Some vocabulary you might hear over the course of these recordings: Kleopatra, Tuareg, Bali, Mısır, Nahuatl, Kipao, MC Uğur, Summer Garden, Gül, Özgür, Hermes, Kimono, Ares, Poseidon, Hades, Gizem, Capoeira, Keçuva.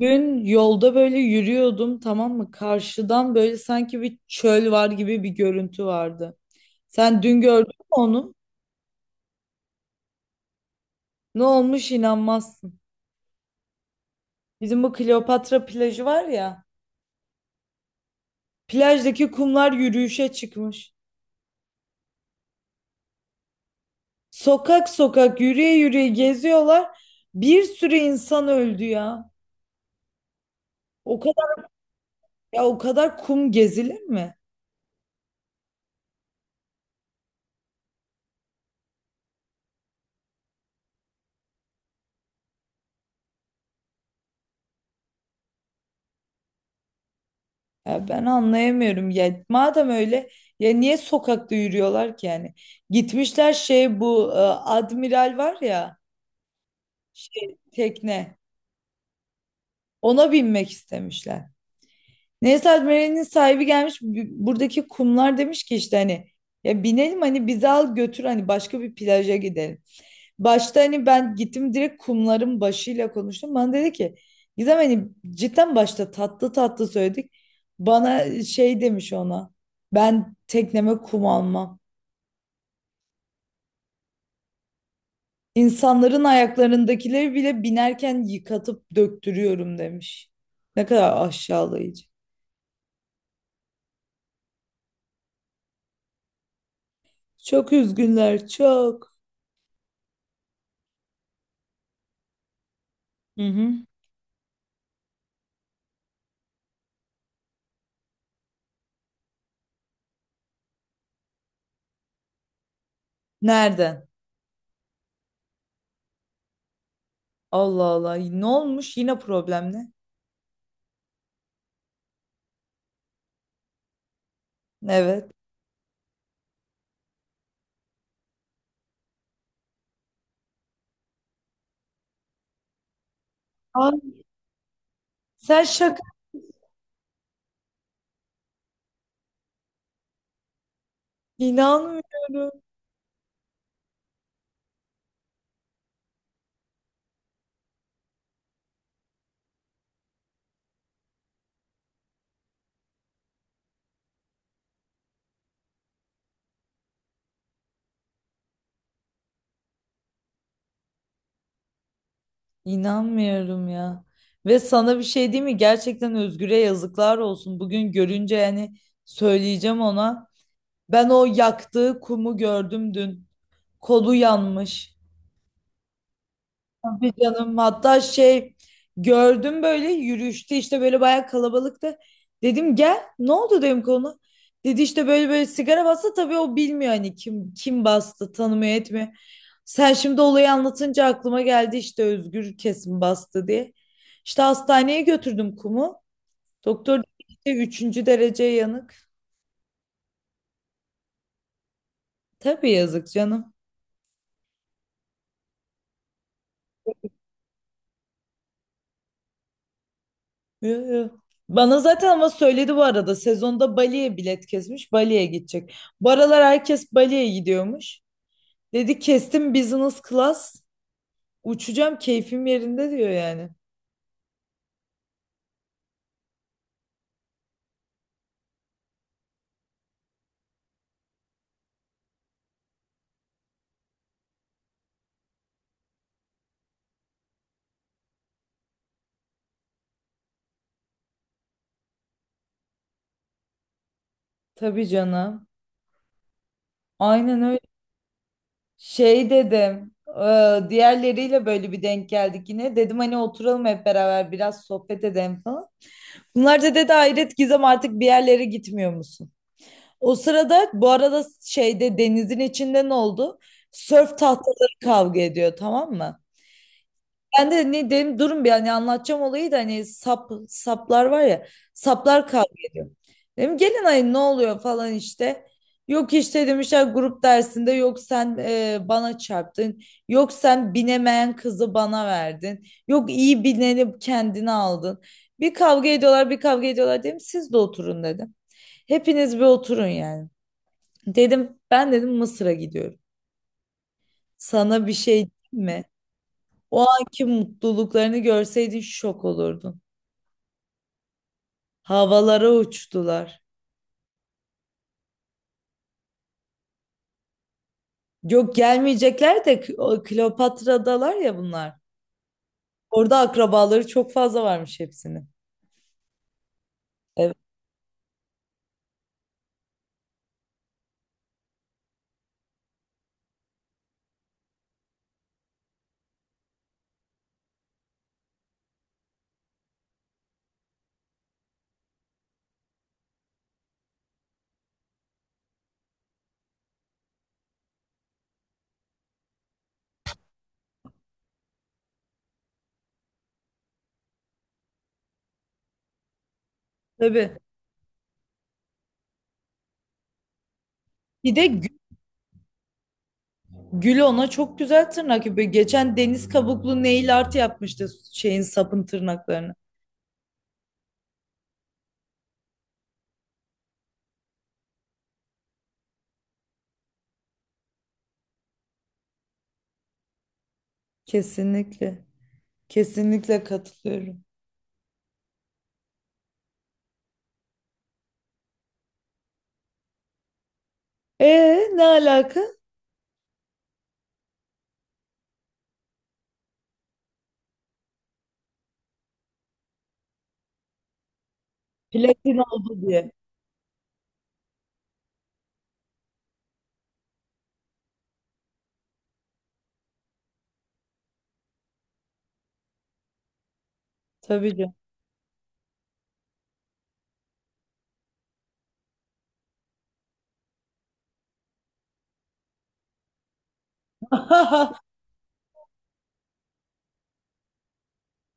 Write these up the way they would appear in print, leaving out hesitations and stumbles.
Gün yolda böyle yürüyordum, tamam mı? Karşıdan böyle sanki bir çöl var gibi bir görüntü vardı. Sen dün gördün mü onu? Ne olmuş, inanmazsın. Bizim bu Kleopatra plajı var ya. Plajdaki kumlar yürüyüşe çıkmış. Sokak sokak yürüye yürüye geziyorlar. Bir sürü insan öldü ya. O kadar Ya o kadar kum gezilir mi? Ya ben anlayamıyorum ya, madem öyle ya niye sokakta yürüyorlar ki yani. Gitmişler şey, bu admiral var ya, şey tekne, ona binmek istemişler. Neyse admiralin sahibi gelmiş, buradaki kumlar demiş ki, işte hani ya binelim, hani bizi al götür, hani başka bir plaja gidelim. Başta hani ben gittim, direkt kumların başıyla konuştum. Bana dedi ki Gizem, hani cidden başta tatlı tatlı söyledik. Bana şey demiş ona. Ben tekneme kum almam. İnsanların ayaklarındakileri bile binerken yıkatıp döktürüyorum, demiş. Ne kadar aşağılayıcı. Çok üzgünler, çok. Hı hı. Nereden? Allah Allah. Ne olmuş? Yine problem ne? Evet. Ay, sen şaka. İnanmıyorum. İnanmıyorum ya. Ve sana bir şey değil mi? Gerçekten Özgür'e yazıklar olsun. Bugün görünce yani söyleyeceğim ona. Ben o yaktığı kumu gördüm dün. Kolu yanmış. Tabii canım, hatta şey, gördüm böyle yürüyüşte, işte böyle bayağı kalabalıktı. Dedim gel, ne oldu dedim, konu. Dedi işte böyle böyle sigara bastı, tabii o bilmiyor, hani kim kim bastı, tanımıyor etmiyor. Sen şimdi olayı anlatınca aklıma geldi, işte Özgür kesin bastı diye. İşte hastaneye götürdüm kumu. Doktor dedi ki, üçüncü derece yanık. Tabii yazık canım. Yo, yo. Bana zaten ama söyledi bu arada, sezonda Bali'ye bilet kesmiş, Bali'ye gidecek. Bu aralar herkes Bali'ye gidiyormuş. Dedi kestim, business class uçacağım, keyfim yerinde diyor yani. Tabii canım. Aynen öyle. Şey dedim, diğerleriyle böyle bir denk geldik yine. Dedim hani oturalım hep beraber biraz sohbet edelim falan. Bunlar da dedi hayret Gizem, artık bir yerlere gitmiyor musun? O sırada bu arada şeyde, denizin içinde ne oldu? Sörf tahtaları kavga ediyor, tamam mı? Ben de ne dedim, durun bir hani anlatacağım olayı da, hani saplar var ya, saplar kavga ediyor. Dedim gelin, ayın ne oluyor falan işte. Yok işte demişler grup dersinde, yok sen bana çarptın. Yok sen binemeyen kızı bana verdin. Yok iyi bineni kendine aldın. Bir kavga ediyorlar, bir kavga ediyorlar, dedim siz de oturun dedim. Hepiniz bir oturun yani. Dedim, ben dedim Mısır'a gidiyorum. Sana bir şey diyeyim mi? O anki mutluluklarını görseydin şok olurdun. Havalara uçtular. Yok gelmeyecekler de, o Kleopatra'dalar ya bunlar. Orada akrabaları çok fazla varmış hepsinin. Evet, tabii. Bir de Gül ona çok güzel tırnak yapıyor. Geçen deniz kabuklu nail art yapmıştı şeyin, sapın tırnaklarını. Kesinlikle. Kesinlikle katılıyorum. E, ne alaka? Platin oldu diye. Tabii canım.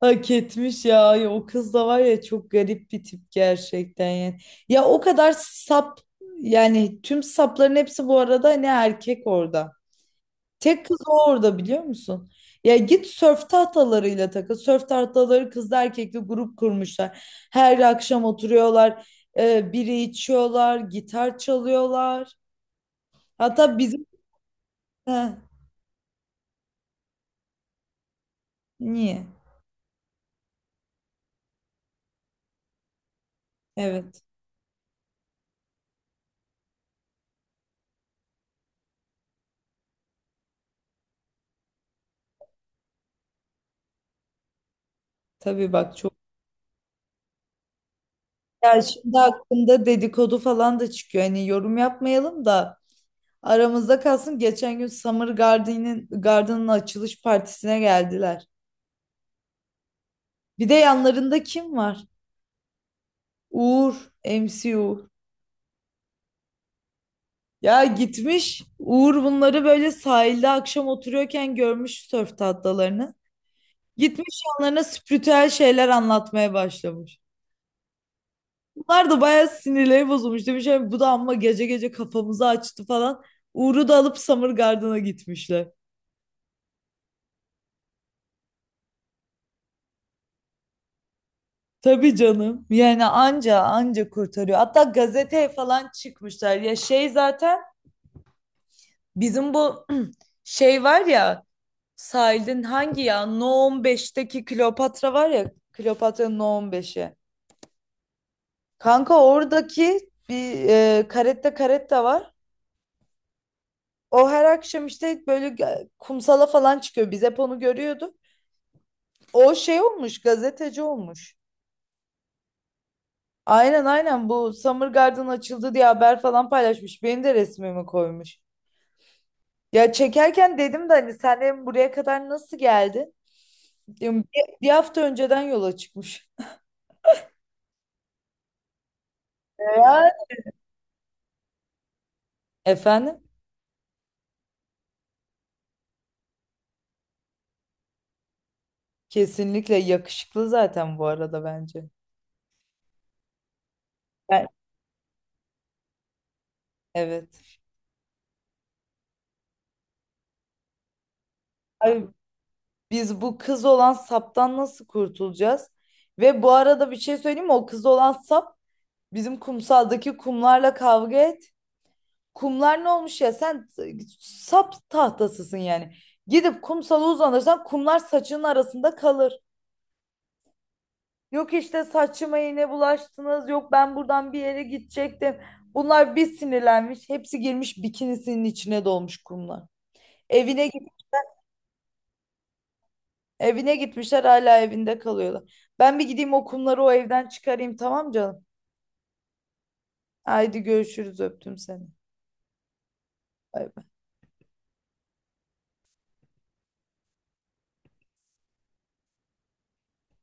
Hak etmiş ya. Ya o kız da var ya, çok garip bir tip gerçekten yani. Ya o kadar sap, yani tüm sapların hepsi bu arada hani erkek orada. Tek kız o orada, biliyor musun? Ya git sörf tahtalarıyla takıl. Sörf tahtaları kızla erkekli grup kurmuşlar. Her akşam oturuyorlar. Biri içiyorlar. Gitar çalıyorlar. Hatta bizim... Heh, niye? Evet. Tabii bak, çok. Ya şimdi hakkında dedikodu falan da çıkıyor. Hani yorum yapmayalım da, aramızda kalsın. Geçen gün Summer Garden'in Garden'ın açılış partisine geldiler. Bir de yanlarında kim var? Uğur, MC Uğur. Ya gitmiş Uğur, bunları böyle sahilde akşam oturuyorken görmüş sörf tahtalarını. Gitmiş yanlarına spiritüel şeyler anlatmaya başlamış. Bunlar da bayağı sinirleri bozulmuş. Demiş "Ay, bu da amma gece gece kafamızı açtı falan." Uğur'u da alıp Summer Garden'a gitmişler. Tabii canım. Yani anca anca kurtarıyor. Hatta gazeteye falan çıkmışlar. Ya şey zaten bizim bu şey var ya, sahilin hangi, ya No 15'teki Kleopatra var ya, Kleopatra'nın No 15'i. Kanka oradaki bir karetta karetta var. O her akşam işte böyle, kumsala falan çıkıyor. Biz hep onu görüyorduk. O şey olmuş, gazeteci olmuş. Aynen aynen, bu Summer Garden açıldı diye haber falan paylaşmış. Benim de resmimi koymuş. Ya çekerken dedim de, hani sen hem buraya kadar nasıl geldin? Diyorum, Bir hafta önceden yola çıkmış. Ya. Efendim? Kesinlikle yakışıklı zaten bu arada bence. ben- Evet. Ay, biz bu kız olan saptan nasıl kurtulacağız? Ve bu arada bir şey söyleyeyim mi? O kız olan sap bizim kumsaldaki kumlarla kavga et. Kumlar ne olmuş ya? Sen sap tahtasısın yani. Gidip kumsala uzanırsan kumlar saçının arasında kalır. Yok işte saçıma iğne bulaştınız. Yok ben buradan bir yere gidecektim. Bunlar bir sinirlenmiş. Hepsi girmiş, bikinisinin içine dolmuş kumlar. Evine git- Evine gitmişler, hala evinde kalıyorlar. Ben bir gideyim, o kumları o evden çıkarayım, tamam canım. Haydi görüşürüz, öptüm seni. Bay bay.